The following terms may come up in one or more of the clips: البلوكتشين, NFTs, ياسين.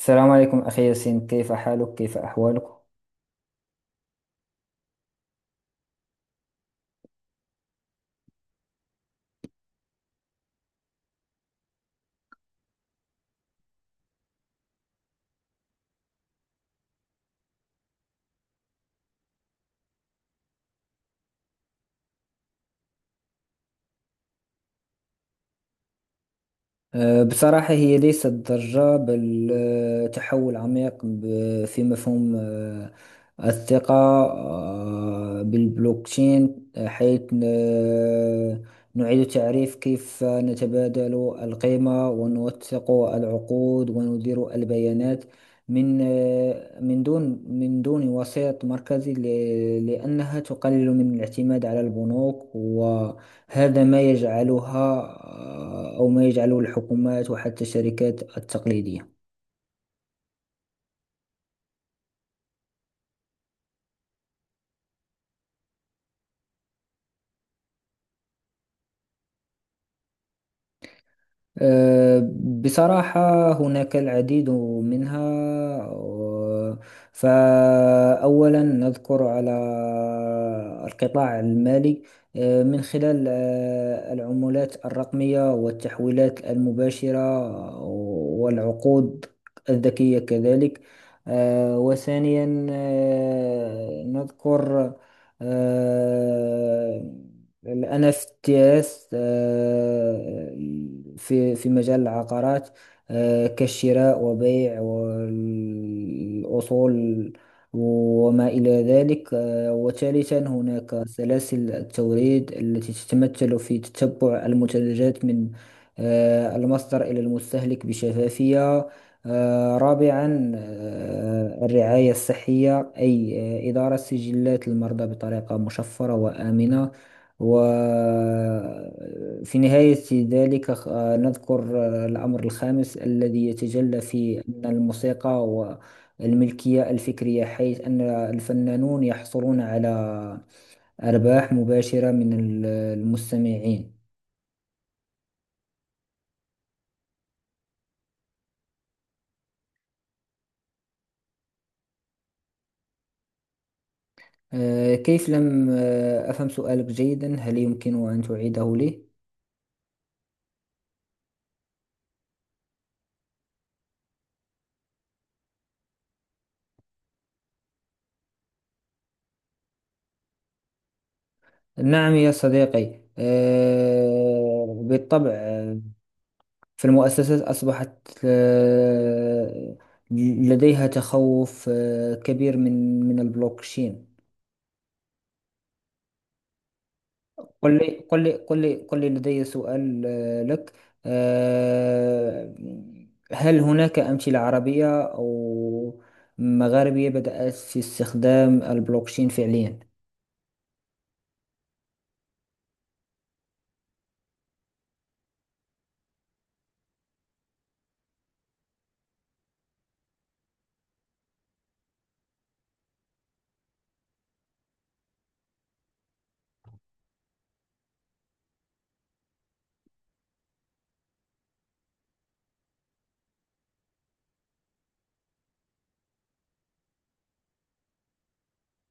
السلام عليكم أخي ياسين، كيف حالك؟ كيف أحوالك؟ بصراحة هي ليست ضجة، بل تحول عميق في مفهوم الثقة بالبلوكتشين، حيث نعيد تعريف كيف نتبادل القيمة، ونوثق العقود، وندير البيانات من من دون وسيط مركزي، لأنها تقلل من الاعتماد على البنوك. هذا ما يجعلها آه، أو ما يجعله الحكومات وحتى الشركات التقليدية. أه، بصراحة هناك العديد منها. و- فأولا نذكر على القطاع المالي، من خلال العملات الرقمية والتحويلات المباشرة، والعقود الذكية كذلك. وثانيا نذكر أه، ال NFTs آه، في مجال العقارات، كالشراء وبيع والأصول وما إلى ذلك. وثالثا هناك سلاسل التوريد التي تتمثل في تتبع المنتجات من المصدر إلى المستهلك بشفافية. رابعا الرعاية الصحية، أي إدارة سجلات المرضى بطريقة مشفرة وآمنة. وفي نهاية ذلك نذكر الأمر الخامس الذي يتجلى في أن الموسيقى والملكية الفكرية، حيث أن الفنانون يحصلون على أرباح مباشرة من المستمعين. كيف، لم أفهم سؤالك جيدا، هل يمكن أن تعيده لي؟ نعم يا صديقي، بالطبع. فالمؤسسات أصبحت آه، لديها تخوف كبير من البلوكشين. قل لي، لدي سؤال لك. آه، هل هناك أمثلة عربية أو مغاربية بدأت في استخدام البلوكشين فعليا؟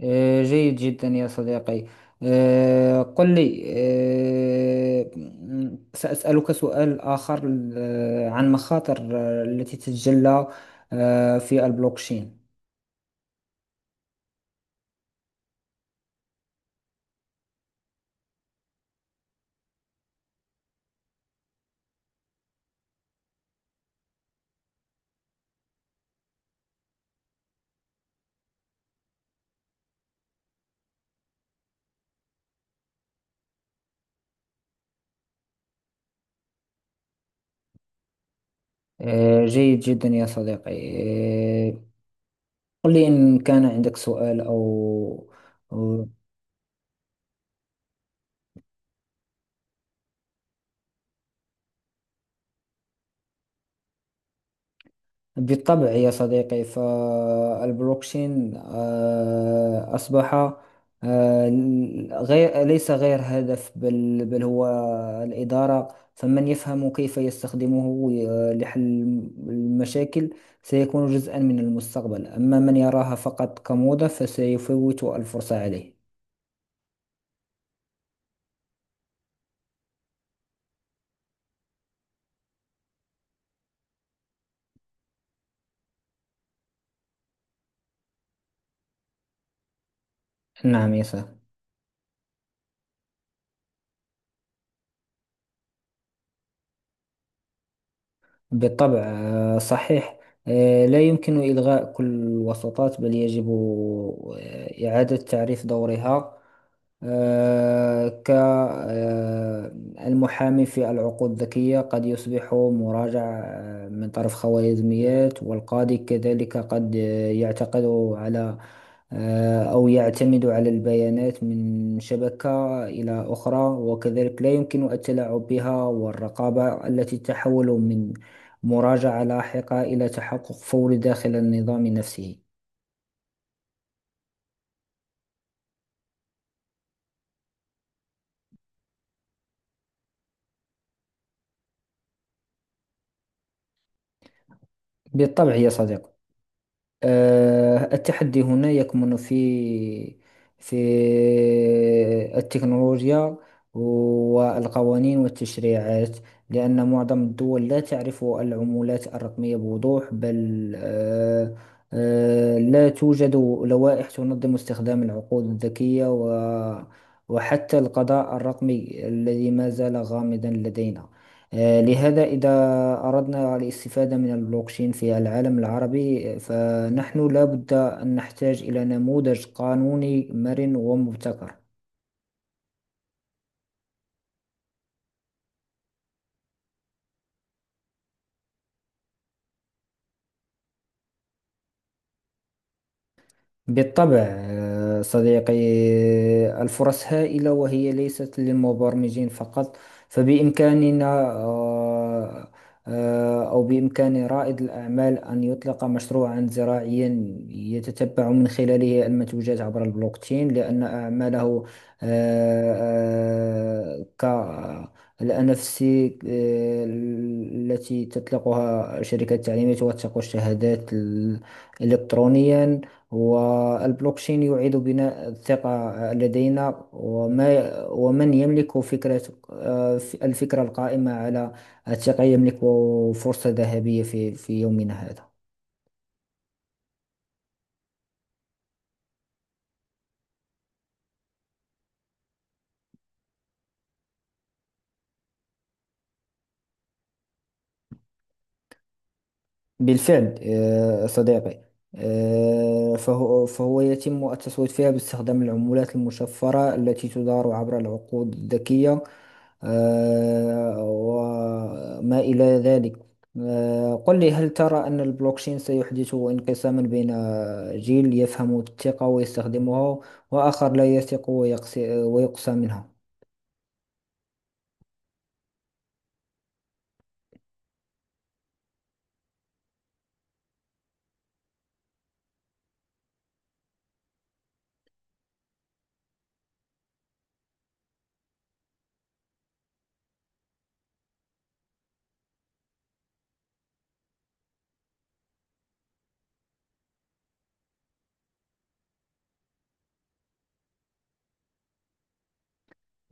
جيد جدا يا صديقي. قل لي، سأسألك سؤال آخر عن مخاطر التي تتجلى في البلوكشين. جيد جدا يا صديقي. آه، قل لي إن كان عندك سؤال أو. بالطبع يا صديقي، فالبلوكشين أصبح آه، غير، ليس غير هدف، بل هو الإدارة. فمن يفهم كيف يستخدمه لحل المشاكل سيكون جزءا من المستقبل، أما من يراها فقط كموضة فسيفوت الفرصة عليه. نعم يا صاحبي. بالطبع. صحيح. لا يمكن إلغاء كل الوساطات، بل يجب إعادة تعريف دورها، كالمحامي في العقود الذكية قد يصبح مراجع من طرف خوارزميات، والقاضي كذلك قد يعتقد على أو يعتمد على البيانات من شبكة إلى أخرى، وكذلك لا يمكن التلاعب بها، والرقابة التي تحول من مراجعة لاحقة إلى تحقق فوري داخل النظام نفسه. بالطبع يا صديقي. التحدي هنا يكمن في التكنولوجيا والقوانين والتشريعات، لأن معظم الدول لا تعرف العملات الرقمية بوضوح، بل لا توجد لوائح تنظم استخدام العقود الذكية، و وحتى القضاء الرقمي الذي ما زال غامضا لدينا. لهذا إذا أردنا الاستفادة من البلوكشين في العالم العربي، فنحن لابد أن نحتاج إلى نموذج قانوني مرن ومبتكر. بالطبع صديقي. الفرص هائلة وهي ليست للمبرمجين فقط. فبإمكاننا آه، أو بإمكان رائد الأعمال أن يطلق مشروعا زراعيا يتتبع من خلاله المنتوجات عبر البلوكتشين، لأن أعماله آه، آه، كالأنفس التي تطلقها شركة التعليمات، توثق الشهادات إلكترونيا. والبلوكشين يعيد بناء الثقة لدينا، وما ومن يملك فكرة، الفكرة القائمة على الثقة يملك فرصة ذهبية في يومنا هذا. بالفعل صديقي. فهو يتم التصويت فيها باستخدام العملات المشفرة التي تدار عبر العقود الذكية وما إلى ذلك. قل لي، هل ترى أن البلوكشين سيحدث انقساما بين جيل يفهم الثقة ويستخدمها، وآخر لا يثق ويقسى منها؟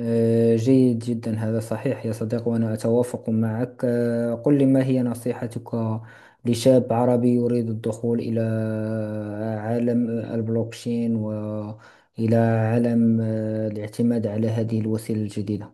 جيد جدا، هذا صحيح يا صديق، وأنا أتوافق معك. قل لي، ما هي نصيحتك لشاب عربي يريد الدخول إلى عالم البلوكشين، وإلى عالم الاعتماد على هذه الوسيلة الجديدة؟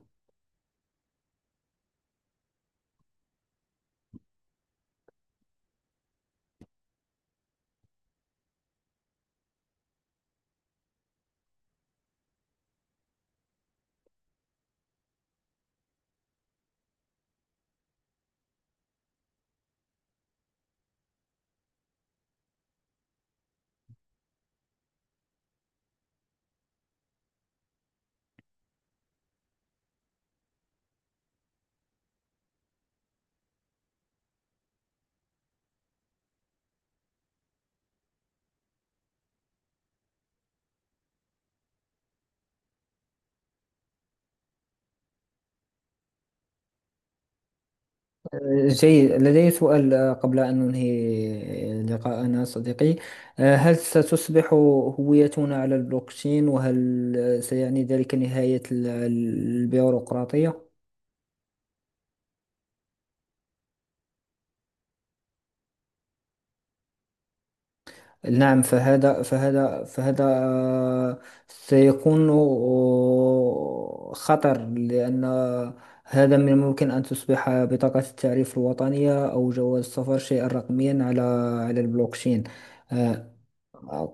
جيد، لدي سؤال قبل أن ننهي لقاءنا صديقي. هل ستصبح هويتنا على البلوكشين؟ وهل سيعني ذلك نهاية البيروقراطية؟ نعم، فهذا سيكون خطر، لأن هذا من الممكن أن تصبح بطاقة التعريف الوطنية أو جواز السفر شيئا رقميا على البلوكشين. آه،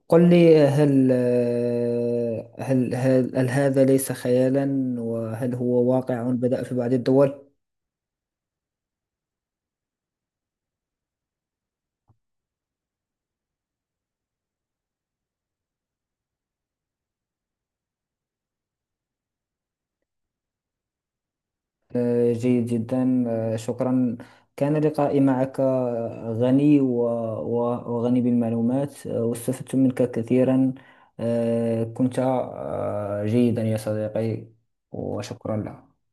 قل لي، هل هل هذا ليس خيالا؟ وهل هو واقع بدأ في بعض الدول؟ جيد جدا. شكرا، كان لقائي معك غني وغني بالمعلومات، واستفدت منك كثيرا. كنت جيدا يا صديقي، وشكرا لك.